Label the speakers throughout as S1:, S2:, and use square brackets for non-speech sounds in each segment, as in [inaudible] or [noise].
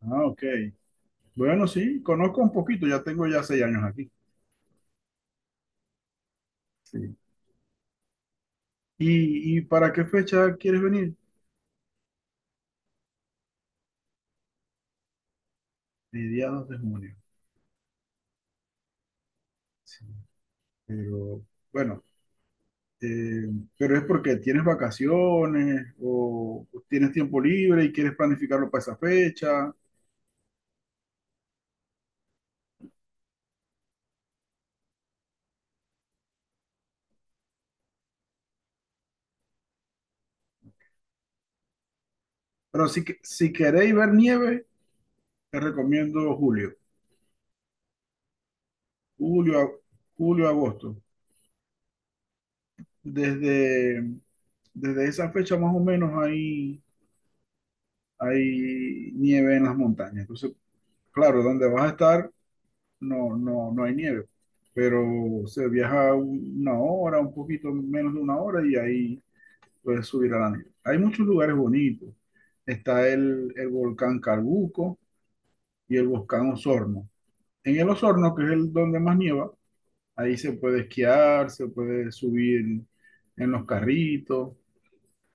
S1: Ah, ok. Bueno, sí, conozco un poquito, ya tengo ya 6 años aquí. Sí. ¿Y para qué fecha quieres venir? Mediados de junio. Sí. Pero bueno, eh, pero es porque tienes vacaciones o tienes tiempo libre y quieres planificarlo para esa fecha. Pero si, si queréis ver nieve, te recomiendo julio, julio, julio, agosto. Desde, desde esa fecha más o menos ahí hay nieve en las montañas. Entonces, claro, donde vas a estar no, no, no hay nieve, pero se viaja una hora, un poquito menos de una hora y ahí puedes subir a la nieve. Hay muchos lugares bonitos. Está el volcán Carbuco y el volcán Osorno. En el Osorno, que es el donde más nieva, ahí se puede esquiar, se puede subir en los carritos,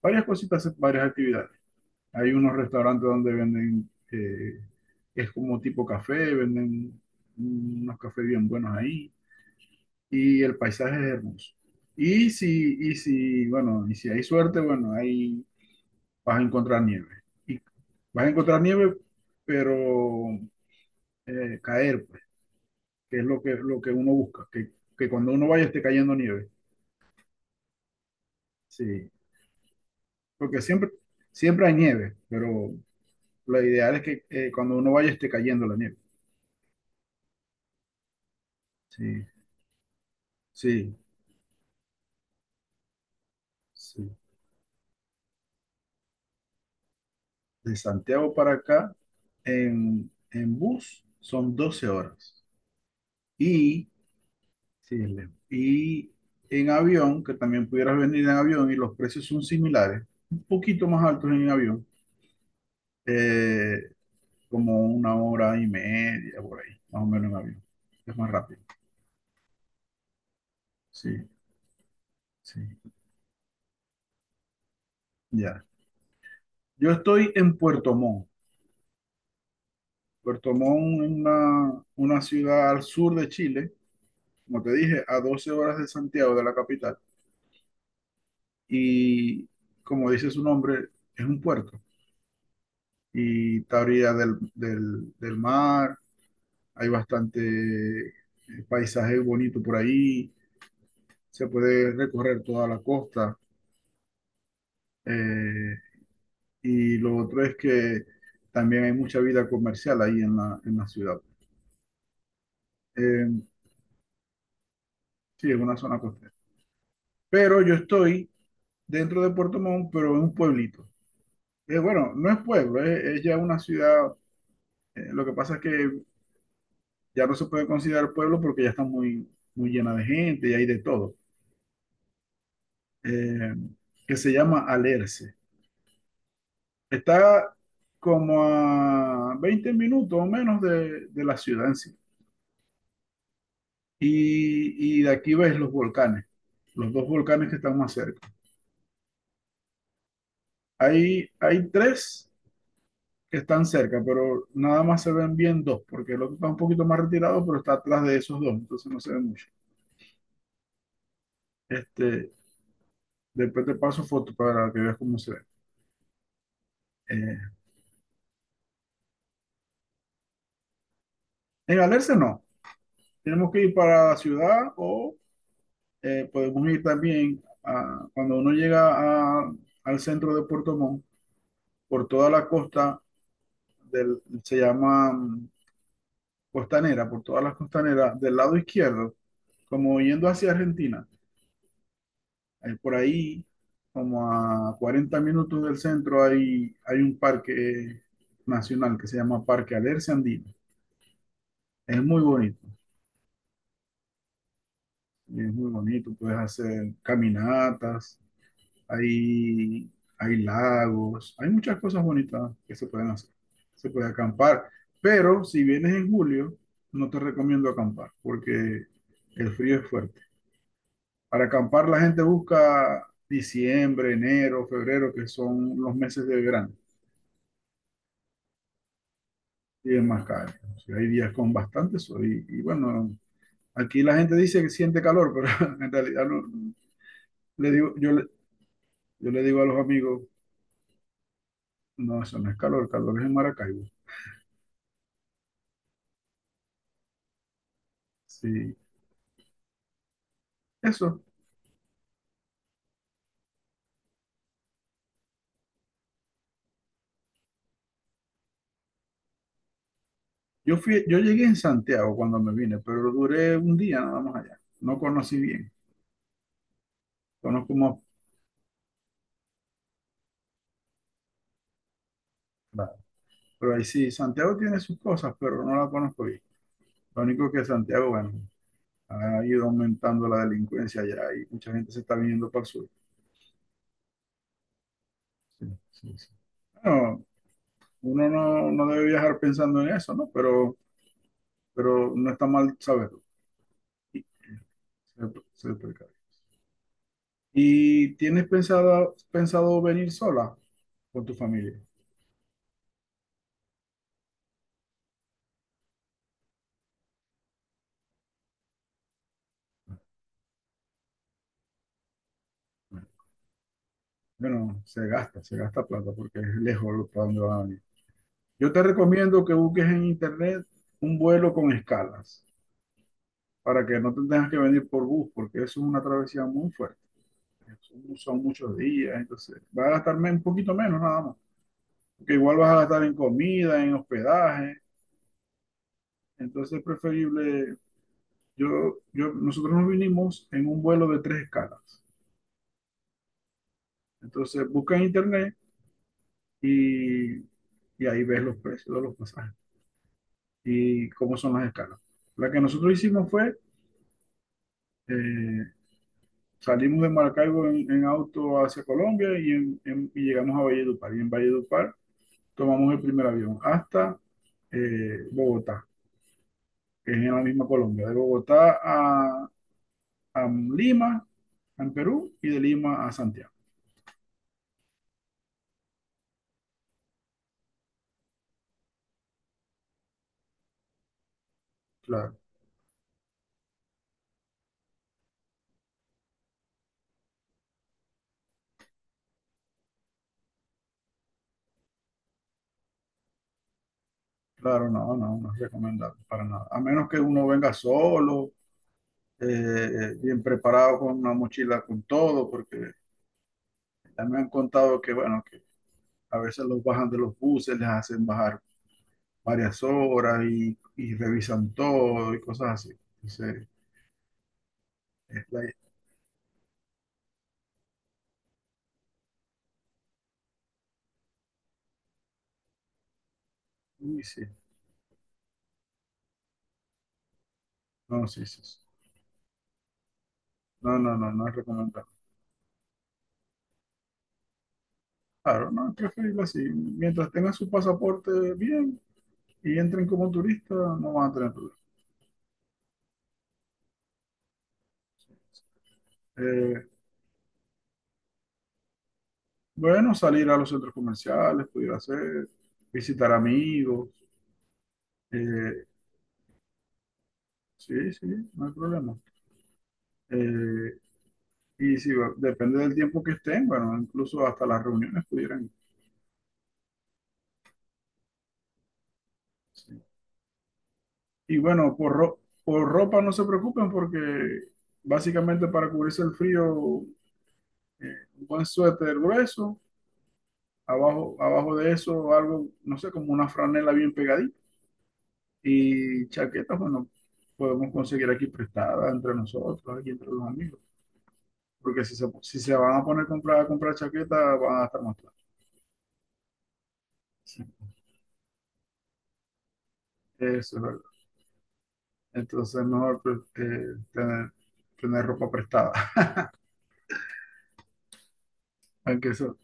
S1: varias cositas, varias actividades. Hay unos restaurantes donde venden, es como tipo café, venden unos cafés bien buenos ahí y el paisaje es hermoso. Y si, bueno, y si hay suerte, bueno, ahí vas a encontrar nieve. Y vas a encontrar nieve, pero caer, pues, que es lo que uno busca, que cuando uno vaya esté cayendo nieve. Sí, porque siempre, siempre hay nieve, pero lo ideal es que cuando uno vaya esté cayendo la nieve. Sí, sí. Sí. De Santiago para acá, en bus, son 12 horas. Y, sí, es lejos. Y en avión, que también pudieras venir en avión y los precios son similares, un poquito más altos en avión, eh, como una hora y media por ahí, más o menos en avión. Es más rápido. Sí, sí, ya. Yo estoy en Puerto Montt. Puerto Montt es una ciudad al sur de Chile, como te dije, a 12 horas de Santiago, de la capital. Y como dice su nombre, es un puerto y está a orilla del mar, hay bastante paisaje bonito por ahí, se puede recorrer toda la costa eh, y lo otro es que también hay mucha vida comercial ahí en la ciudad. Eh, sí, es una zona costera. Pero yo estoy dentro de Puerto Montt, pero en un pueblito. Bueno, no es pueblo, es ya una ciudad. Lo que pasa es que ya no se puede considerar pueblo porque ya está muy, muy llena de gente y hay de todo, eh, que se llama Alerce. Está como a 20 minutos o menos de la ciudad en sí. Y de aquí ves los volcanes, los dos volcanes que están más cerca. Hay tres que están cerca, pero nada más se ven bien dos, porque el otro está un poquito más retirado, pero está atrás de esos dos, entonces no se ve mucho. Este, después te paso fotos para que veas cómo se ve. Eh, en Alerce no, tenemos que ir para la ciudad o podemos ir también cuando uno llega al centro de Puerto Montt, por toda la costa del, se llama costanera, por todas las costaneras del lado izquierdo, como yendo hacia Argentina. Por ahí, como a 40 minutos del centro, hay un parque nacional que se llama Parque Alerce Andino. Es muy bonito, es muy bonito, puedes hacer caminatas, hay, hay lagos, hay muchas cosas bonitas que se pueden hacer. Se puede acampar, pero si vienes en julio, no te recomiendo acampar porque el frío es fuerte. Para acampar la gente busca diciembre, enero, febrero, que son los meses de verano y es más caro. O sea, hay días con bastante sol y bueno, aquí la gente dice que siente calor, pero [laughs] en realidad no, le digo, yo le digo a los amigos, no, eso no es calor, calor es en Maracaibo. Sí, eso. Yo fui, yo llegué en Santiago cuando me vine, pero duré un día nada más allá. No conocí bien. Conozco más. Claro. Pero ahí sí, Santiago tiene sus cosas, pero no la conozco bien. Lo único que Santiago, bueno, ha ido aumentando la delincuencia allá y mucha gente se está viniendo para el sur. Sí, sí, sí. Bueno, uno no, no debe viajar pensando en eso, ¿no? Pero no está mal saberlo, ser, ser precavido. ¿Y tienes pensado, pensado venir sola con tu familia? Bueno, se gasta plata porque es lejos para donde van a venir. Yo te recomiendo que busques en internet un vuelo con escalas para que no te tengas que venir por bus, porque eso es una travesía muy fuerte. Son muchos días, entonces vas a gastarme un poquito menos nada más, porque igual vas a gastar en comida, en hospedaje. Entonces es preferible, nosotros nos vinimos en un vuelo de tres escalas. Entonces busca en internet y, y ahí ves los precios de los pasajes. Y cómo son las escalas. La que nosotros hicimos fue, eh, salimos de Maracaibo en auto hacia Colombia y, y llegamos a Valledupar. Y en Valledupar tomamos el primer avión hasta Bogotá, que es en la misma Colombia. De Bogotá a Lima, en Perú, y de Lima a Santiago. Claro, claro, no, no, no es recomendable para nada. A menos que uno venga solo. eh, Bien preparado con una mochila con todo, porque ya me han contado que, bueno, a veces los bajan de los buses, les hacen bajar varias horas y revisan todo y cosas así. Entonces, es la... Uy, sí. No, sí, sí. Sí. No, no, no, no es recomendable. Claro, no, es preferible así. Mientras tengan su pasaporte bien y entren como turistas, no van a tener problemas. Eh, bueno, salir a los centros comerciales, pudiera ser, visitar amigos. eh, sí, sí, no hay problema. Eh, y si depende del tiempo que estén, bueno, incluso hasta las reuniones pudieran. Y bueno, por ropa no se preocupen porque básicamente para cubrirse el frío, un buen suéter grueso, abajo, abajo de eso algo, no sé, como una franela bien pegadita. Y chaquetas, bueno, podemos conseguir aquí prestadas entre nosotros, aquí entre los amigos. Porque si se van a poner a comprar chaquetas, van a estar más caros. Sí, eso es verdad. Entonces es mejor pues, tener, tener ropa prestada, [laughs] aunque eso.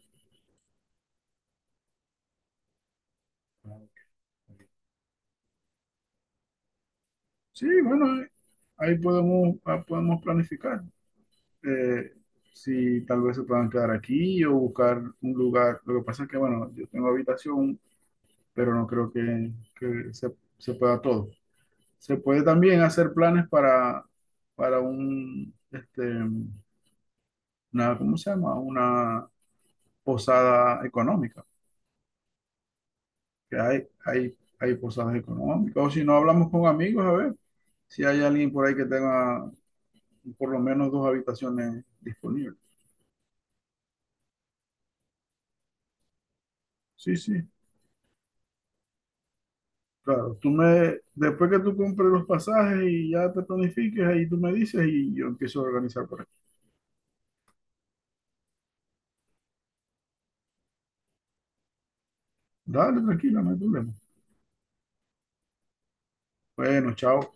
S1: Sí, bueno, ahí podemos planificar. eh, si tal vez se puedan quedar aquí o buscar un lugar. Lo que pasa es que, bueno, yo tengo habitación, pero no creo que se pueda todo. Se puede también hacer planes para este, una, ¿cómo se llama? Una posada económica. Que hay posadas económicas. O si no, hablamos con amigos, a ver si hay alguien por ahí que tenga por lo menos dos habitaciones disponibles. Sí, sí, claro. Después que tú compres los pasajes y ya te planifiques, ahí tú me dices y yo empiezo a organizar por aquí. Dale, tranquila, no hay problema. Bueno, chao.